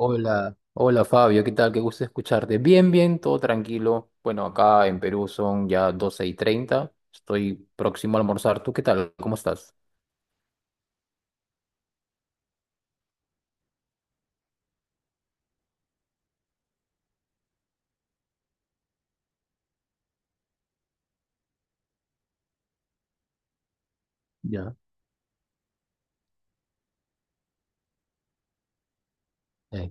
Hola, hola Fabio, ¿qué tal? Qué gusto escucharte. Bien, bien, todo tranquilo. Bueno, acá en Perú son ya 12 y 30. Estoy próximo a almorzar. ¿Tú qué tal? ¿Cómo estás? Ya, eh,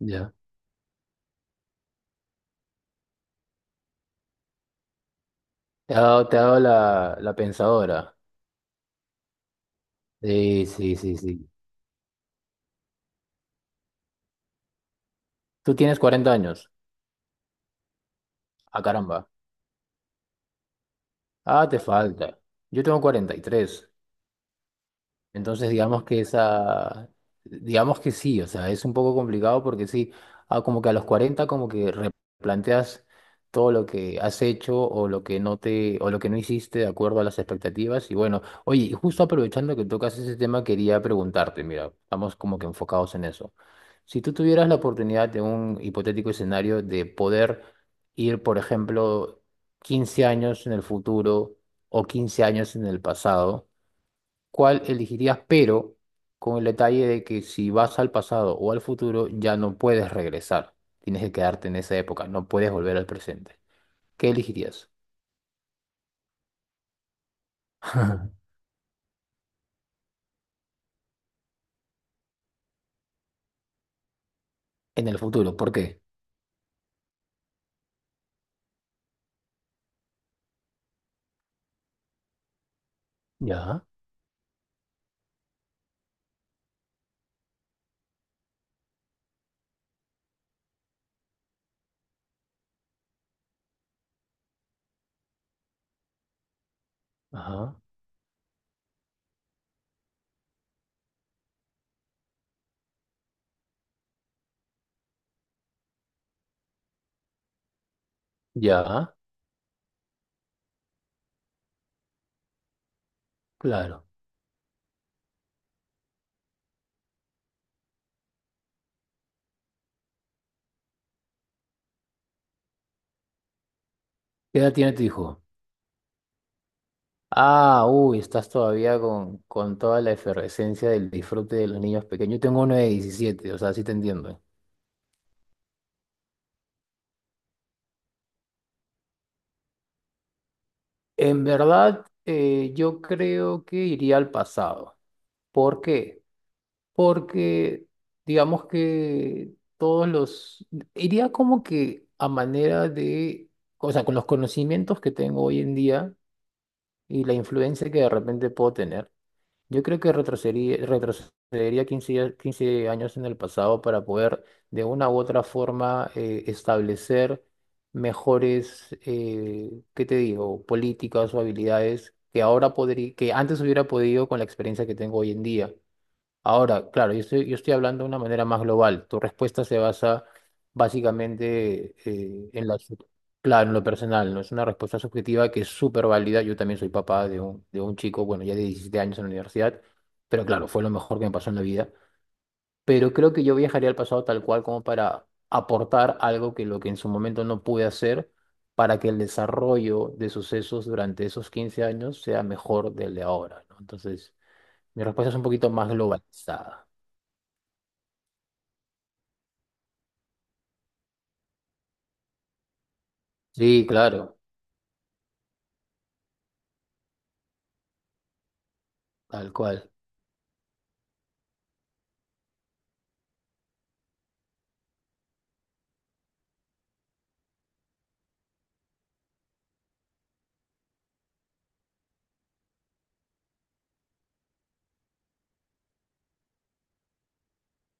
ya. Te ha dado la pensadora. Sí, sí, sí, sí. Tú tienes 40 años. Ah, caramba. Ah, te falta. Yo tengo 43. Entonces, digamos que esa, digamos que sí, o sea, es un poco complicado porque sí, como que a los 40 como que replanteas todo lo que has hecho o lo que no te, o lo que no hiciste de acuerdo a las expectativas. Y bueno, oye, y justo aprovechando que tocas ese tema, quería preguntarte, mira, estamos como que enfocados en eso. Si tú tuvieras la oportunidad de un hipotético escenario de poder ir, por ejemplo, 15 años en el futuro o 15 años en el pasado, cuál elegirías, pero con el detalle de que si vas al pasado o al futuro ya no puedes regresar. Tienes que quedarte en esa época, no puedes volver al presente. ¿Qué elegirías? En el futuro, ¿por qué? Ya, ajá, ya, claro. ¿Qué edad tiene tu hijo? Ah, uy, estás todavía con toda la efervescencia del disfrute de los niños pequeños. Yo tengo uno de 17. O sea, sí te entiendo. En verdad, yo creo que iría al pasado. ¿Por qué? Porque digamos que todos los, iría como que a manera de, o sea, con los conocimientos que tengo hoy en día y la influencia que de repente puedo tener, yo creo que retrocedería, retrocedería 15 años en el pasado para poder de una u otra forma establecer mejores, ¿qué te digo?, políticas o habilidades que ahora podría, que antes hubiera podido con la experiencia que tengo hoy en día. Ahora, claro, yo estoy hablando de una manera más global. Tu respuesta se basa básicamente en la, su- claro, en lo personal, ¿no? Es una respuesta subjetiva que es súper válida. Yo también soy papá de un chico, bueno, ya de 17 años en la universidad, pero claro, fue lo mejor que me pasó en la vida. Pero creo que yo viajaría al pasado tal cual como para aportar algo que lo que en su momento no pude hacer para que el desarrollo de sucesos durante esos 15 años sea mejor del de ahora, ¿no? Entonces, mi respuesta es un poquito más globalizada. Sí, claro, tal cual,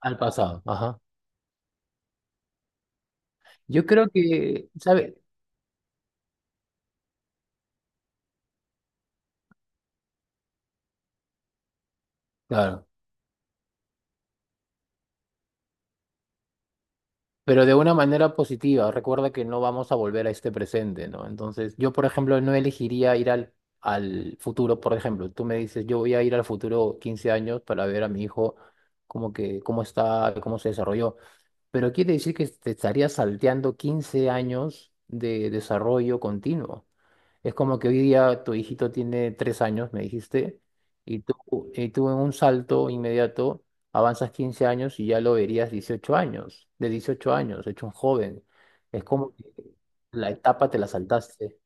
al pasado, ajá. Yo creo que, ¿sabe? Claro, pero de una manera positiva. Recuerda que no vamos a volver a este presente, ¿no? Entonces, yo, por ejemplo, no elegiría ir al, al futuro, por ejemplo. Tú me dices, yo voy a ir al futuro 15 años para ver a mi hijo como que, cómo está, cómo se desarrolló. Pero quiere decir que te estarías salteando 15 años de desarrollo continuo. Es como que hoy día tu hijito tiene tres años, me dijiste, y tú, y tú en un salto inmediato avanzas 15 años y ya lo verías 18 años, de 18 años, hecho un joven. Es como que la etapa te la saltaste.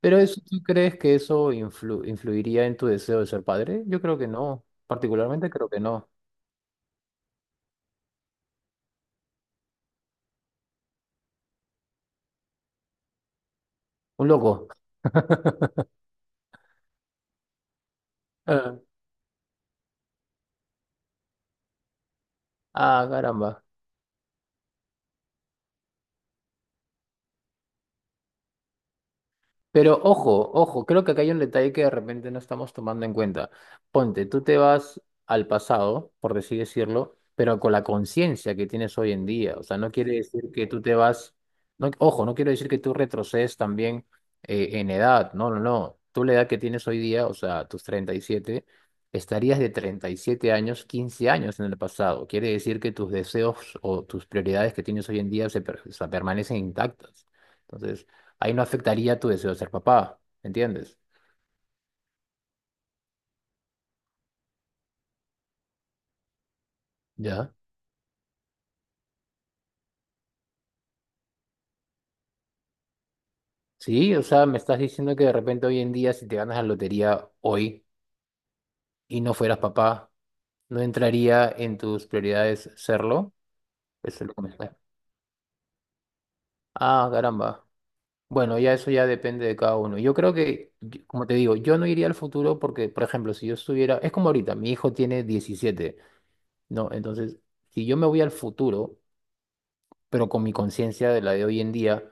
Pero eso, ¿tú crees que eso influiría en tu deseo de ser padre? Yo creo que no, particularmente creo que no. Un loco. Ah, caramba. Pero ojo, ojo, creo que acá hay un detalle que de repente no estamos tomando en cuenta. Ponte, tú te vas al pasado, por así decirlo, pero con la conciencia que tienes hoy en día. O sea, no quiere decir que tú te vas, no, ojo, no quiero decir que tú retrocedes también en edad. No, no, no. Tú la edad que tienes hoy día, o sea, tus 37, estarías de 37 años, 15 años en el pasado. Quiere decir que tus deseos o tus prioridades que tienes hoy en día o sea, permanecen intactas. Entonces ahí no afectaría tu deseo de ser papá, ¿entiendes? Ya. Sí, o sea, me estás diciendo que de repente hoy en día si te ganas la lotería hoy y no fueras papá, ¿no entraría en tus prioridades serlo? Eso es lo que me está- Ah, caramba. Bueno, ya eso ya depende de cada uno. Yo creo que, yo- como te digo, yo no iría al futuro porque, por ejemplo, si yo estuviera, es como ahorita, mi hijo tiene 17, ¿no? Entonces, si yo me voy al futuro, pero con mi conciencia de la de hoy en día,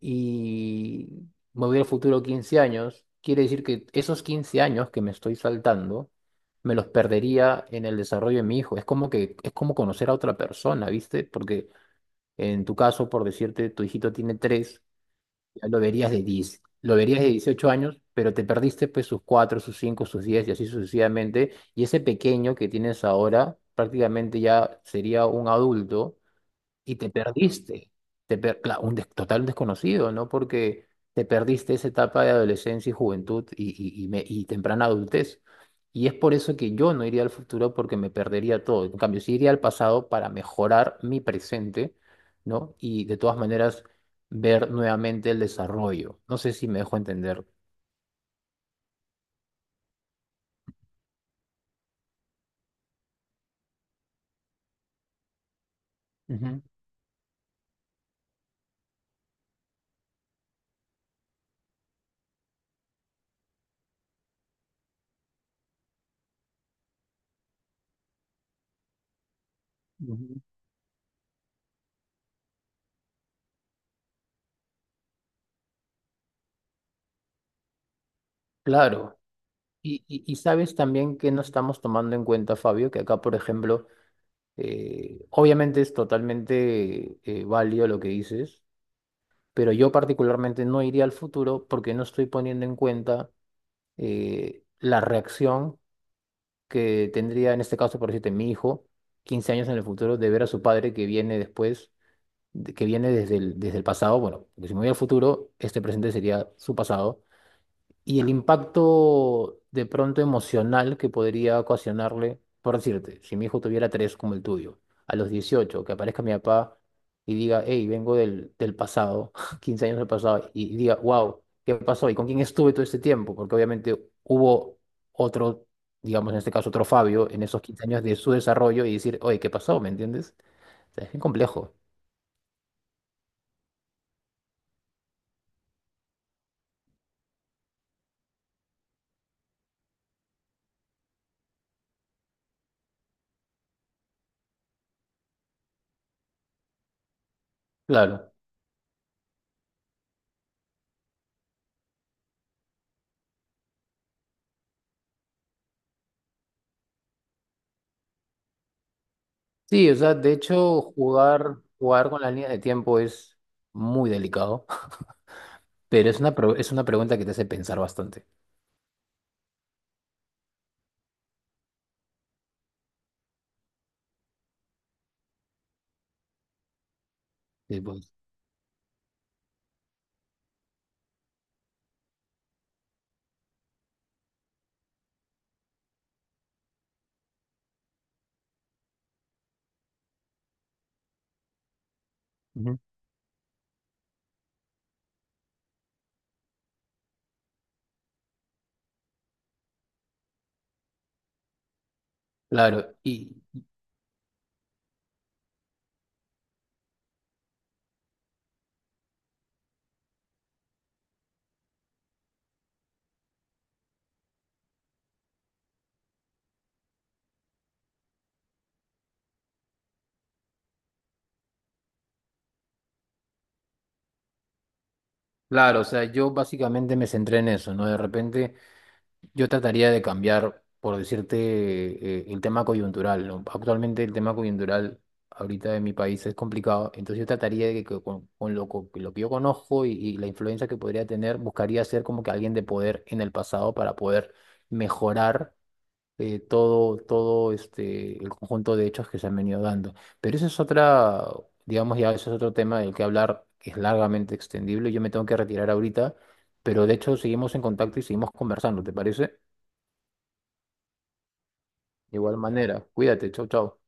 y me voy al futuro 15 años, quiere decir que esos 15 años que me estoy saltando, me los perdería en el desarrollo de mi hijo. Es como que, es como conocer a otra persona, ¿viste? Porque en tu caso, por decirte, tu hijito tiene 3 ya lo verías de 10 lo verías de 18 años, pero te perdiste pues sus 4 sus 5 sus 10 y así sucesivamente. Y ese pequeño que tienes ahora prácticamente ya sería un adulto y te perdiste, te per- cla- un des- total desconocido, ¿no? Porque te perdiste esa etapa de adolescencia y juventud y, y temprana adultez. Y es por eso que yo no iría al futuro porque me perdería todo. En cambio, sí iría al pasado para mejorar mi presente, ¿no? Y de todas maneras ver nuevamente el desarrollo. No sé si me dejo entender. Ujú, ujú. Claro. Y sabes también que no estamos tomando en cuenta, Fabio, que acá, por ejemplo, eh, obviamente es totalmente válido lo que dices, pero yo particularmente no iría al futuro porque no estoy poniendo en cuenta la reacción que tendría en este caso, por decirte, mi hijo, 15 años en el futuro, de ver a su padre que viene después, que viene desde el pasado. Bueno, porque si me voy al futuro, este presente sería su pasado y el impacto de pronto emocional que podría ocasionarle, por decirte, si mi hijo tuviera tres como el tuyo, a los 18 que aparezca mi papá y diga, hey, vengo del, del pasado, 15 años del pasado, y diga, wow, ¿qué pasó? ¿Y con quién estuve todo este tiempo? Porque obviamente hubo otro, digamos en este caso otro Fabio, en esos 15 años de su desarrollo y decir, oye, ¿qué pasó? ¿Me entiendes? O sea, es bien complejo. Claro. Sí, o sea, de hecho, jugar, jugar con la línea de tiempo es muy delicado. Pero es una, es una pregunta que te hace pensar bastante. Sí, pues. Ujú. Claro, y claro, o sea, yo básicamente me centré en eso, ¿no? De repente yo trataría de cambiar, por decirte, el tema coyuntural, ¿no? Actualmente el tema coyuntural ahorita en mi país es complicado, entonces yo trataría de que con, lo que yo conozco y la influencia que podría tener, buscaría ser como que alguien de poder en el pasado para poder mejorar todo, todo este, el conjunto de hechos que se han venido dando. Pero eso es otra, digamos, ya eso es otro tema del que hablar, que es largamente extendible. Yo me tengo que retirar ahorita, pero de hecho seguimos en contacto y seguimos conversando, ¿te parece? De igual manera, cuídate, chau, chau.